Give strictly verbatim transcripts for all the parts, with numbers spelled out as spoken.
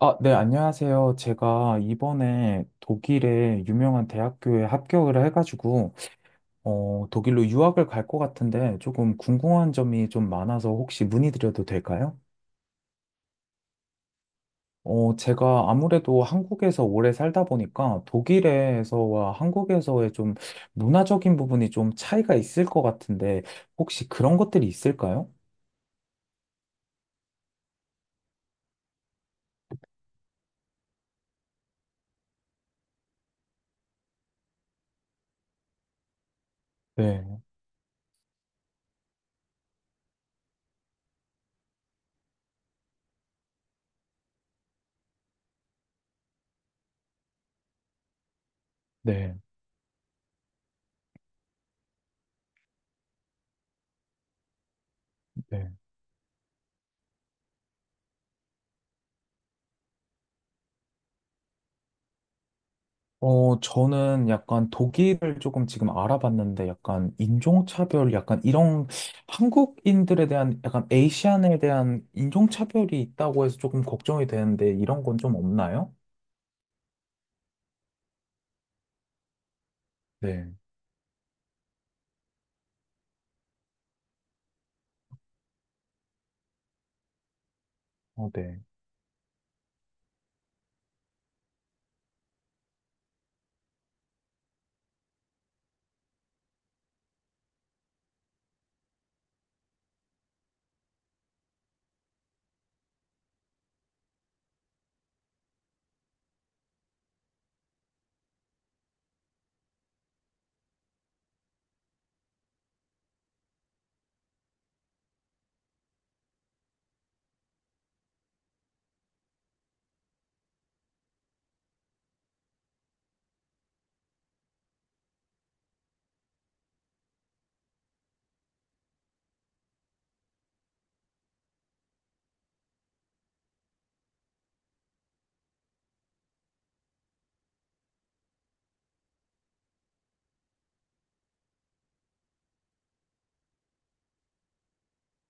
아, 네, 안녕하세요. 제가 이번에 독일의 유명한 대학교에 합격을 해가지고, 어, 독일로 유학을 갈 것 같은데 조금 궁금한 점이 좀 많아서 혹시 문의드려도 될까요? 어, 제가 아무래도 한국에서 오래 살다 보니까 독일에서와 한국에서의 좀 문화적인 부분이 좀 차이가 있을 것 같은데 혹시 그런 것들이 있을까요? 네, 네, 네. 어, 저는 약간 독일을 조금 지금 알아봤는데 약간 인종차별, 약간 이런 한국인들에 대한 약간 에이시안에 대한 인종차별이 있다고 해서 조금 걱정이 되는데 이런 건 좀 없나요? 네. 어, 네.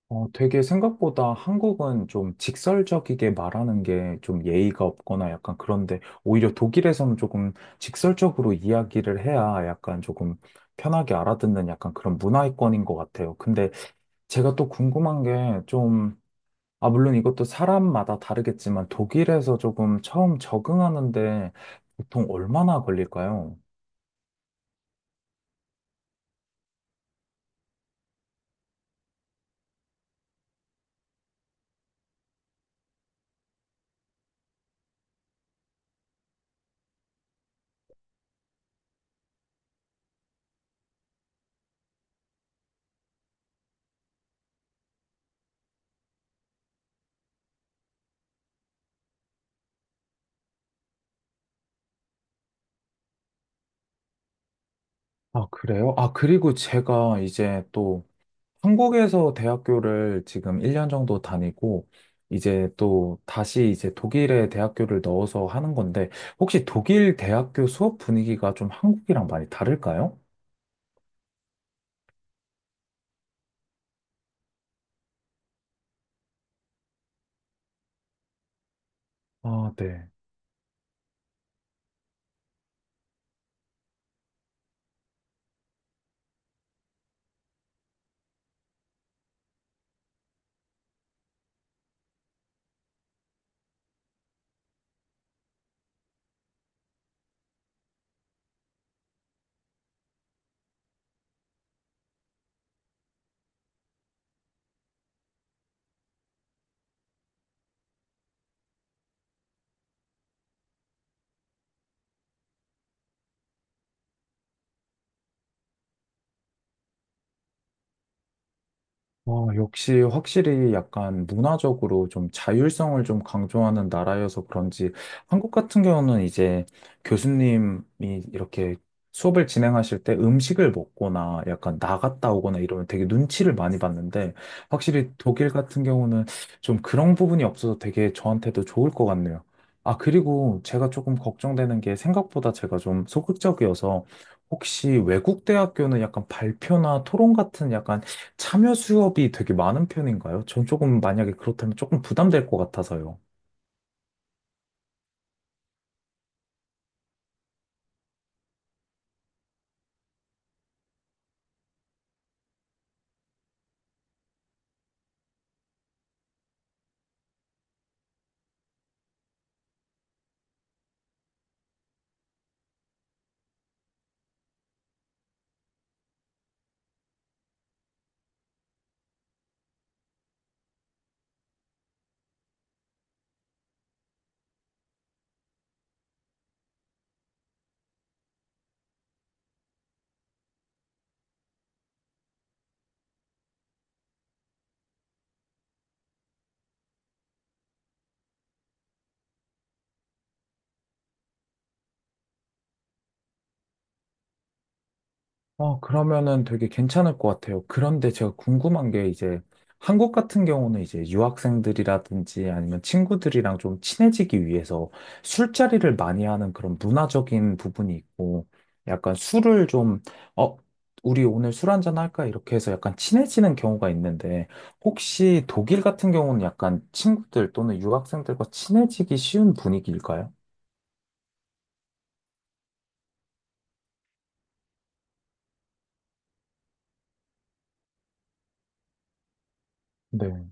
어, 되게 생각보다 한국은 좀 직설적이게 말하는 게 좀 예의가 없거나 약간 그런데 오히려 독일에서는 조금 직설적으로 이야기를 해야 약간 조금 편하게 알아듣는 약간 그런 문화권인 것 같아요. 근데 제가 또 궁금한 게 좀, 아, 물론 이것도 사람마다 다르겠지만 독일에서 조금 처음 적응하는데 보통 얼마나 걸릴까요? 아, 그래요? 아, 그리고 제가 이제 또 한국에서 대학교를 지금 일 년 정도 다니고 이제 또 다시 이제 독일에 대학교를 넣어서 하는 건데 혹시 독일 대학교 수업 분위기가 좀 한국이랑 많이 다를까요? 아, 네. 어, 역시 확실히 약간 문화적으로 좀 자율성을 좀 강조하는 나라여서 그런지 한국 같은 경우는 이제 교수님이 이렇게 수업을 진행하실 때 음식을 먹거나 약간 나갔다 오거나 이러면 되게 눈치를 많이 봤는데 확실히 독일 같은 경우는 좀 그런 부분이 없어서 되게 저한테도 좋을 것 같네요. 아, 그리고 제가 조금 걱정되는 게 생각보다 제가 좀 소극적이어서 혹시 외국 대학교는 약간 발표나 토론 같은 약간 참여 수업이 되게 많은 편인가요? 전 조금 만약에 그렇다면 조금 부담될 것 같아서요. 아, 그러면은 되게 괜찮을 것 같아요. 그런데 제가 궁금한 게 이제 한국 같은 경우는 이제 유학생들이라든지 아니면 친구들이랑 좀 친해지기 위해서 술자리를 많이 하는 그런 문화적인 부분이 있고 약간 술을 좀, 어, 우리 오늘 술 한잔 할까? 이렇게 해서 약간 친해지는 경우가 있는데 혹시 독일 같은 경우는 약간 친구들 또는 유학생들과 친해지기 쉬운 분위기일까요? 네,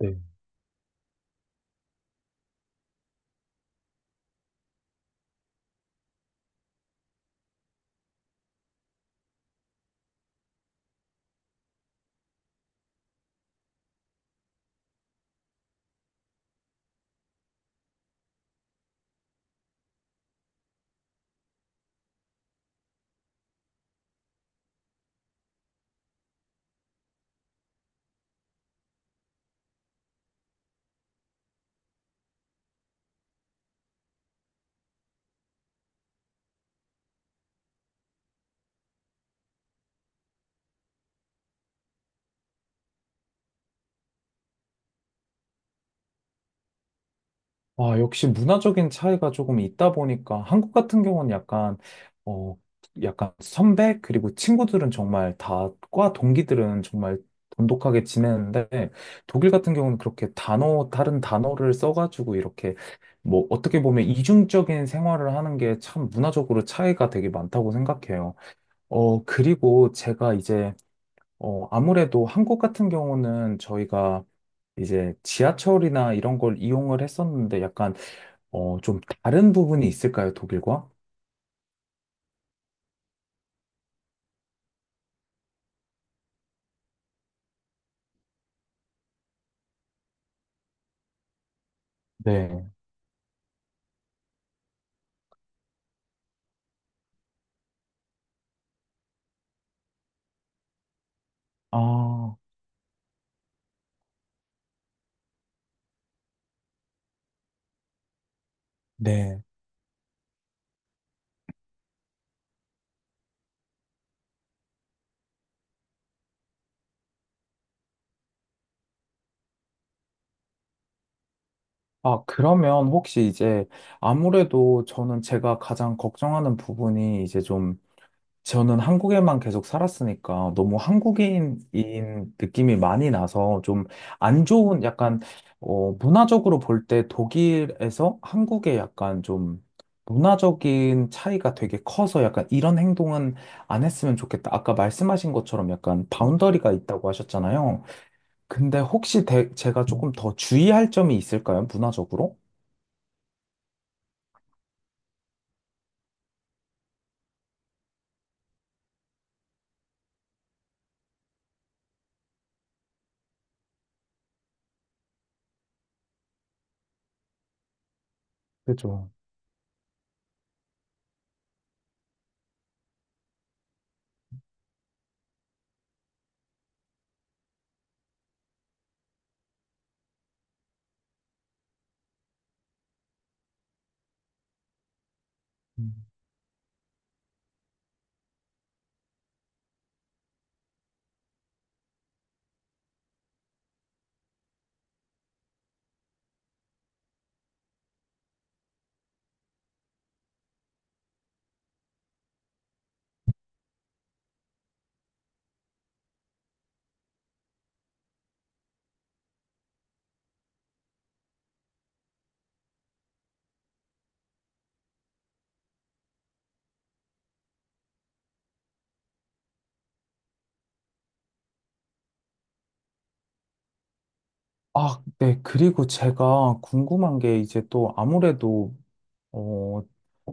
네. 아, 역시 문화적인 차이가 조금 있다 보니까 한국 같은 경우는 약간, 어, 약간 선배, 그리고 친구들은 정말 다, 과 동기들은 정말 돈독하게 지내는데, 독일 같은 경우는 그렇게 단어, 다른 단어를 써가지고 이렇게, 뭐, 어떻게 보면 이중적인 생활을 하는 게 참 문화적으로 차이가 되게 많다고 생각해요. 어, 그리고 제가 이제, 어, 아무래도 한국 같은 경우는 저희가 이제 지하철이나 이런 걸 이용을 했었는데 약간, 어, 좀 다른 부분이 있을까요, 독일과? 네. 아, 네. 아, 그러면 혹시 이제 아무래도 저는 제가 가장 걱정하는 부분이 이제 좀 저는 한국에만 계속 살았으니까 너무 한국인인 느낌이 많이 나서 좀 안 좋은 약간 어 문화적으로 볼 때 독일에서 한국의 약간 좀 문화적인 차이가 되게 커서 약간 이런 행동은 안 했으면 좋겠다. 아까 말씀하신 것처럼 약간 바운더리가 있다고 하셨잖아요. 근데 혹시 대- 제가 조금 더 주의할 점이 있을까요? 문화적으로? 그죠. 음. 아, 네. 그리고 제가 궁금한 게 이제 또 아무래도 어,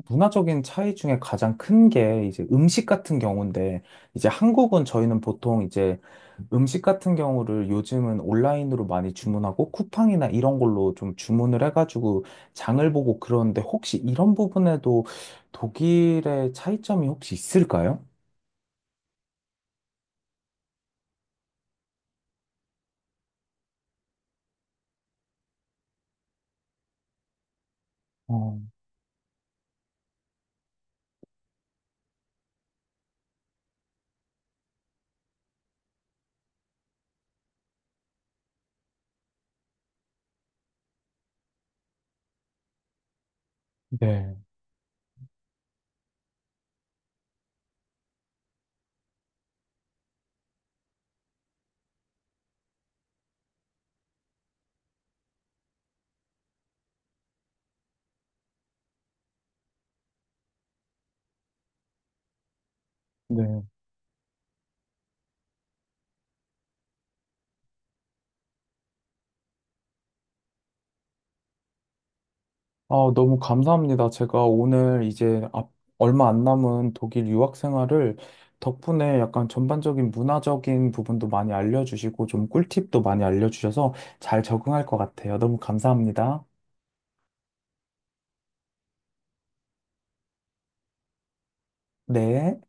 문화적인 차이 중에 가장 큰 게 이제 음식 같은 경우인데, 이제 한국은 저희는 보통 이제 음식 같은 경우를 요즘은 온라인으로 많이 주문하고 쿠팡이나 이런 걸로 좀 주문을 해가지고 장을 보고 그러는데 혹시 이런 부분에도 독일의 차이점이 혹시 있을까요? 어, 네. 네. 아, 너무 감사합니다. 제가 오늘 이제 앞- 얼마 안 남은 독일 유학 생활을 덕분에 약간 전반적인 문화적인 부분도 많이 알려주시고 좀 꿀팁도 많이 알려주셔서 잘 적응할 것 같아요. 너무 감사합니다. 네.